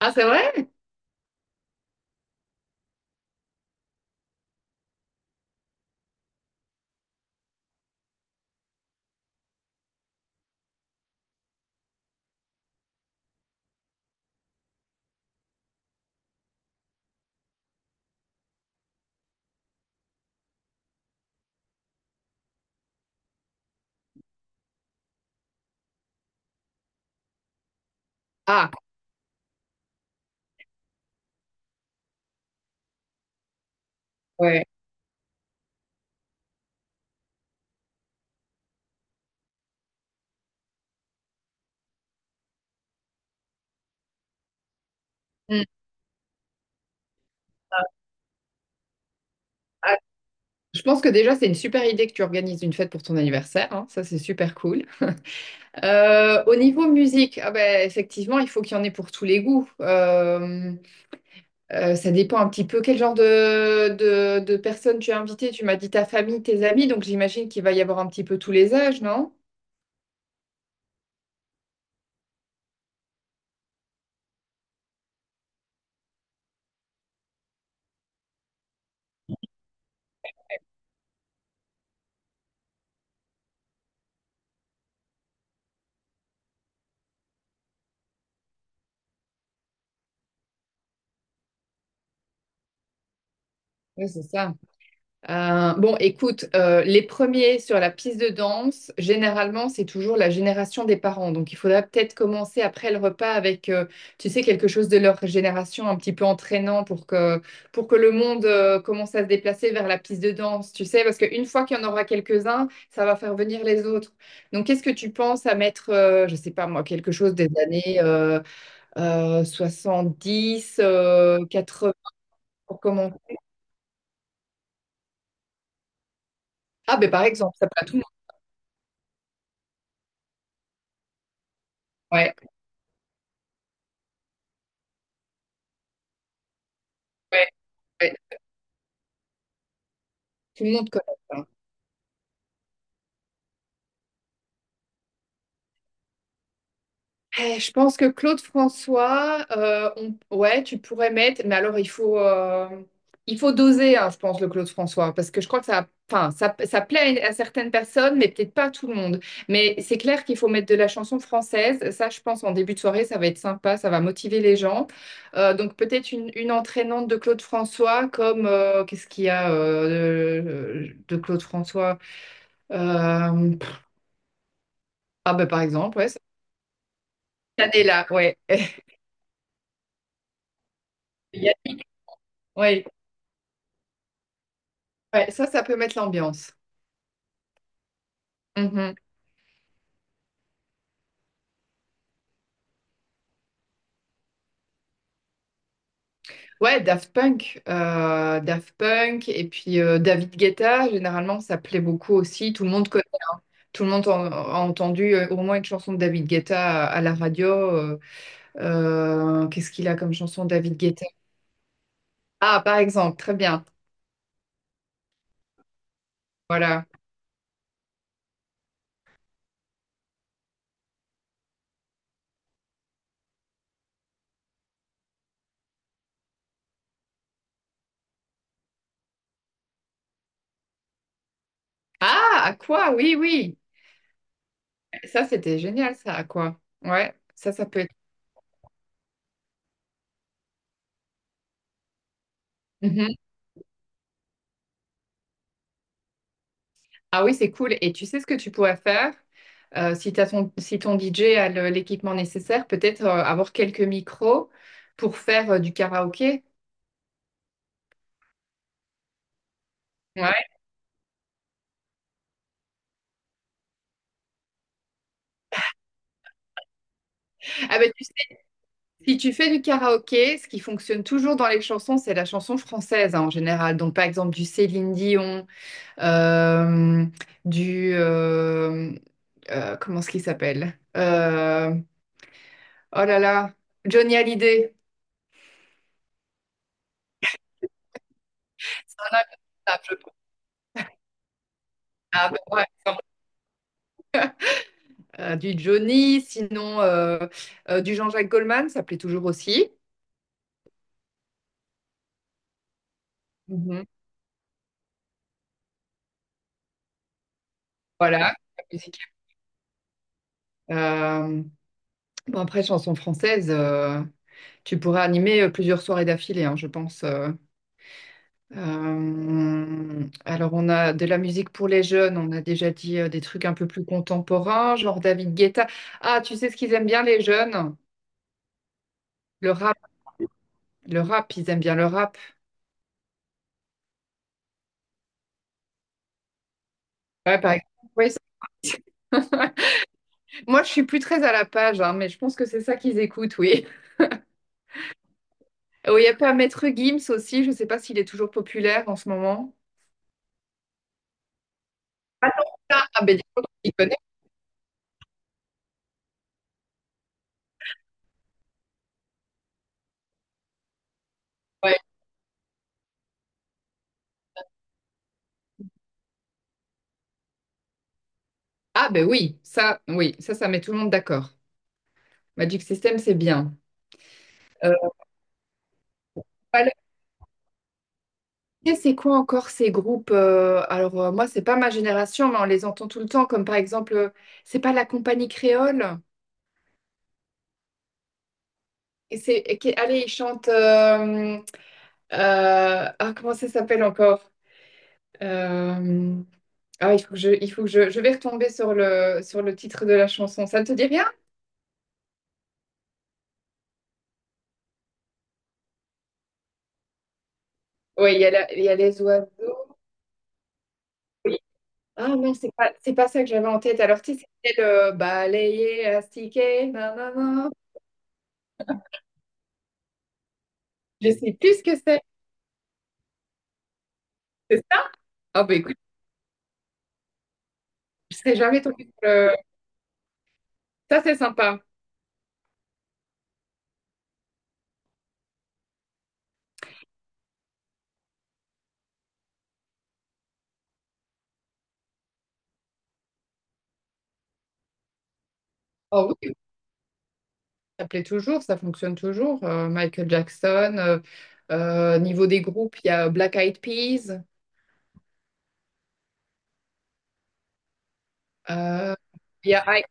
Ah, c'est vrai? Ah, ouais. Hmm. Ah, je pense que déjà, c'est une super idée que tu organises une fête pour ton anniversaire, hein. Ça, c'est super cool. Au niveau musique, ah ben, effectivement, il faut qu'il y en ait pour tous les goûts. Ça dépend un petit peu quel genre de personnes tu as invitées. Tu m'as dit ta famille, tes amis, donc j'imagine qu'il va y avoir un petit peu tous les âges, non? Oui, c'est ça. Bon, écoute, les premiers sur la piste de danse, généralement, c'est toujours la génération des parents. Donc, il faudra peut-être commencer après le repas avec, tu sais, quelque chose de leur génération un petit peu entraînant pour que le monde, commence à se déplacer vers la piste de danse, tu sais, parce qu'une fois qu'il y en aura quelques-uns, ça va faire venir les autres. Donc, qu'est-ce que tu penses à mettre, je sais pas moi, quelque chose des années 70, 80 pour commencer? Ah, ben par exemple, ça peut à tout le monde. Ouais, ouais, ouais. Tu les as de connaître, hein. Eh, je pense que Claude François, ouais, tu pourrais mettre, mais alors il faut doser, hein, je pense, le Claude François, parce que je crois que ça, enfin, ça plaît à certaines personnes, mais peut-être pas à tout le monde. Mais c'est clair qu'il faut mettre de la chanson française. Ça, je pense, en début de soirée, ça va être sympa, ça va motiver les gens. Donc peut-être une entraînante de Claude François, comme qu'est-ce qu'il y a de Claude François? Euh, ah ben par exemple, ouais, cette année-là, ouais. Oui, ouais, ça peut mettre l'ambiance. Mhm. Ouais, Daft Punk, Daft Punk, et puis David Guetta, généralement, ça plaît beaucoup aussi. Tout le monde connaît, tout le monde a entendu au moins une chanson de David Guetta à la radio. Qu'est-ce qu'il a comme chanson, David Guetta? Ah, par exemple, très bien. Voilà. Ah, à quoi? Oui, oui. Ça, c'était génial, ça, à quoi? Ouais, ça peut être. Ah oui, c'est cool. Et tu sais ce que tu pourrais faire? Si t'as ton, si ton DJ a l'équipement nécessaire, peut-être avoir quelques micros pour faire du karaoké. Ouais. Ah ben, tu sais, si tu fais du karaoké, ce qui fonctionne toujours dans les chansons, c'est la chanson française hein, en général. Donc par exemple du Céline Dion, euh, du... euh, comment est-ce qu'il s'appelle? Oh là là, Johnny Hallyday. Ah, je- ah, ben, ouais. Du Johnny, sinon du Jean-Jacques Goldman, ça plaît toujours aussi. Mhm. Voilà, la musique. Euh, bon, après, chanson française, tu pourrais animer plusieurs soirées d'affilée, hein, je pense. Alors, on a de la musique pour les jeunes, on a déjà dit des trucs un peu plus contemporains, genre David Guetta. Ah, tu sais ce qu'ils aiment bien, les jeunes? Le rap, le rap, ils aiment bien le rap. Ouais, par exemple. Oui, ça. Moi, je suis plus très à la page, hein, mais je pense que c'est ça qu'ils écoutent, oui. Oh, il y a pas Maître Gims aussi, je sais pas s'il est toujours populaire en ce moment. Attends, ah, ah, ben, dis donc, tu t'y connais, ouais. Ah, ben oui, ça met tout le monde d'accord. Magic System, c'est bien. Euh, alors, c'est quoi encore ces groupes? Moi, c'est pas ma génération, mais on les entend tout le temps, comme par exemple, c'est pas la compagnie créole? Et c'est, et allez, ils chantent, ah, comment ça s'appelle encore? Euh, ah, il faut que je, il faut que je vais retomber sur le titre de la chanson. Ça ne te dit rien? Oui, il y a il y a les oiseaux. Oui. Ah non, c'est pas ça que j'avais en tête. Alors, tu sais, c'était le balayer, astiquer, nanana. Je sais plus ce que c'est. C'est ça? Ah bah écoute, je serais jamais tombée sur le... Ça, c'est sympa. Oh oui, ça plaît toujours, ça fonctionne toujours. Michael Jackson, niveau des groupes, il y a Black Eyed Peas, euh, il y a I,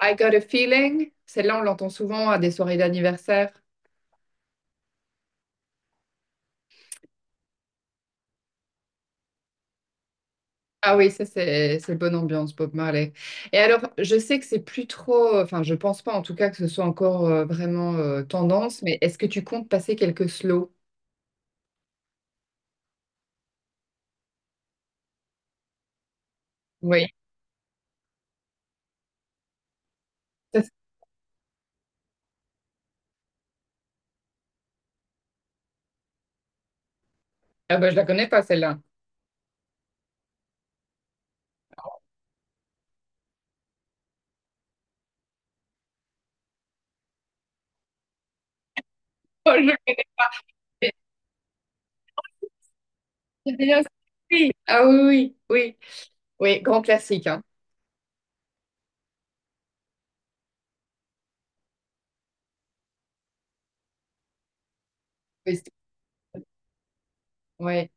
I Got a Feeling. Celle-là, on l'entend souvent à des soirées d'anniversaire. Ah oui, ça c'est bonne ambiance, Bob Marley. Et alors, je sais que c'est plus trop, enfin, je pense pas en tout cas que ce soit encore vraiment tendance, mais est-ce que tu comptes passer quelques slow? Oui. Ça, ah bah, je la connais pas celle-là. Oh, je connais. C'est bien oui. Ah oui, oui, oui, oui, grand classique, hein. Oui, ouais,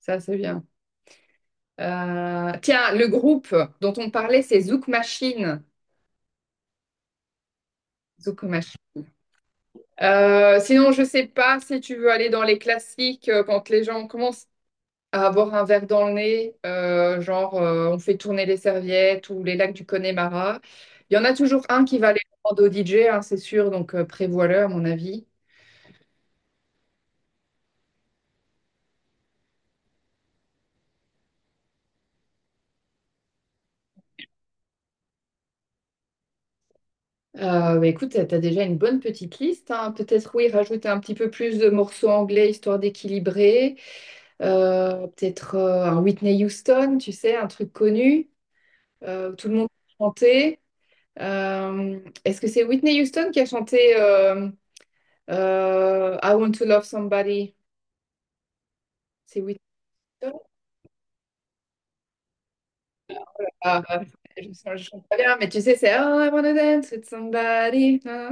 ça c'est bien. Tiens, le groupe dont on parlait, c'est Zouk Machine. Zouk Machine. Sinon, je sais pas si tu veux aller dans les classiques quand les gens commencent à avoir un verre dans le nez, genre on fait tourner les serviettes ou les lacs du Connemara. Il y en a toujours un qui va aller le rendre au DJ, hein, c'est sûr, donc prévois-le à mon avis. Bah, écoute, t'as déjà une bonne petite liste, hein. Peut-être, oui, rajouter un petit peu plus de morceaux anglais histoire d'équilibrer. Peut-être un Whitney Houston, tu sais, un truc connu, où tout le monde peut chanter. Est-ce que c'est Whitney Houston qui a chanté I Want to Love Somebody? C'est Whitney. Ah, bah, je chante pas bien, mais tu sais, c'est Oh, I wanna dance with somebody. Ah.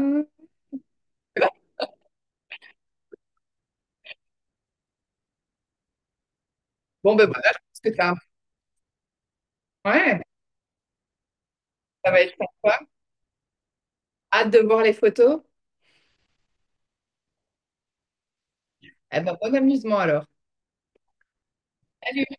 Bon, ben voilà, je pense que t'as un... Ouais, ça va être sympa. Hâte de voir les photos. Eh ben, bon amusement alors. Salut!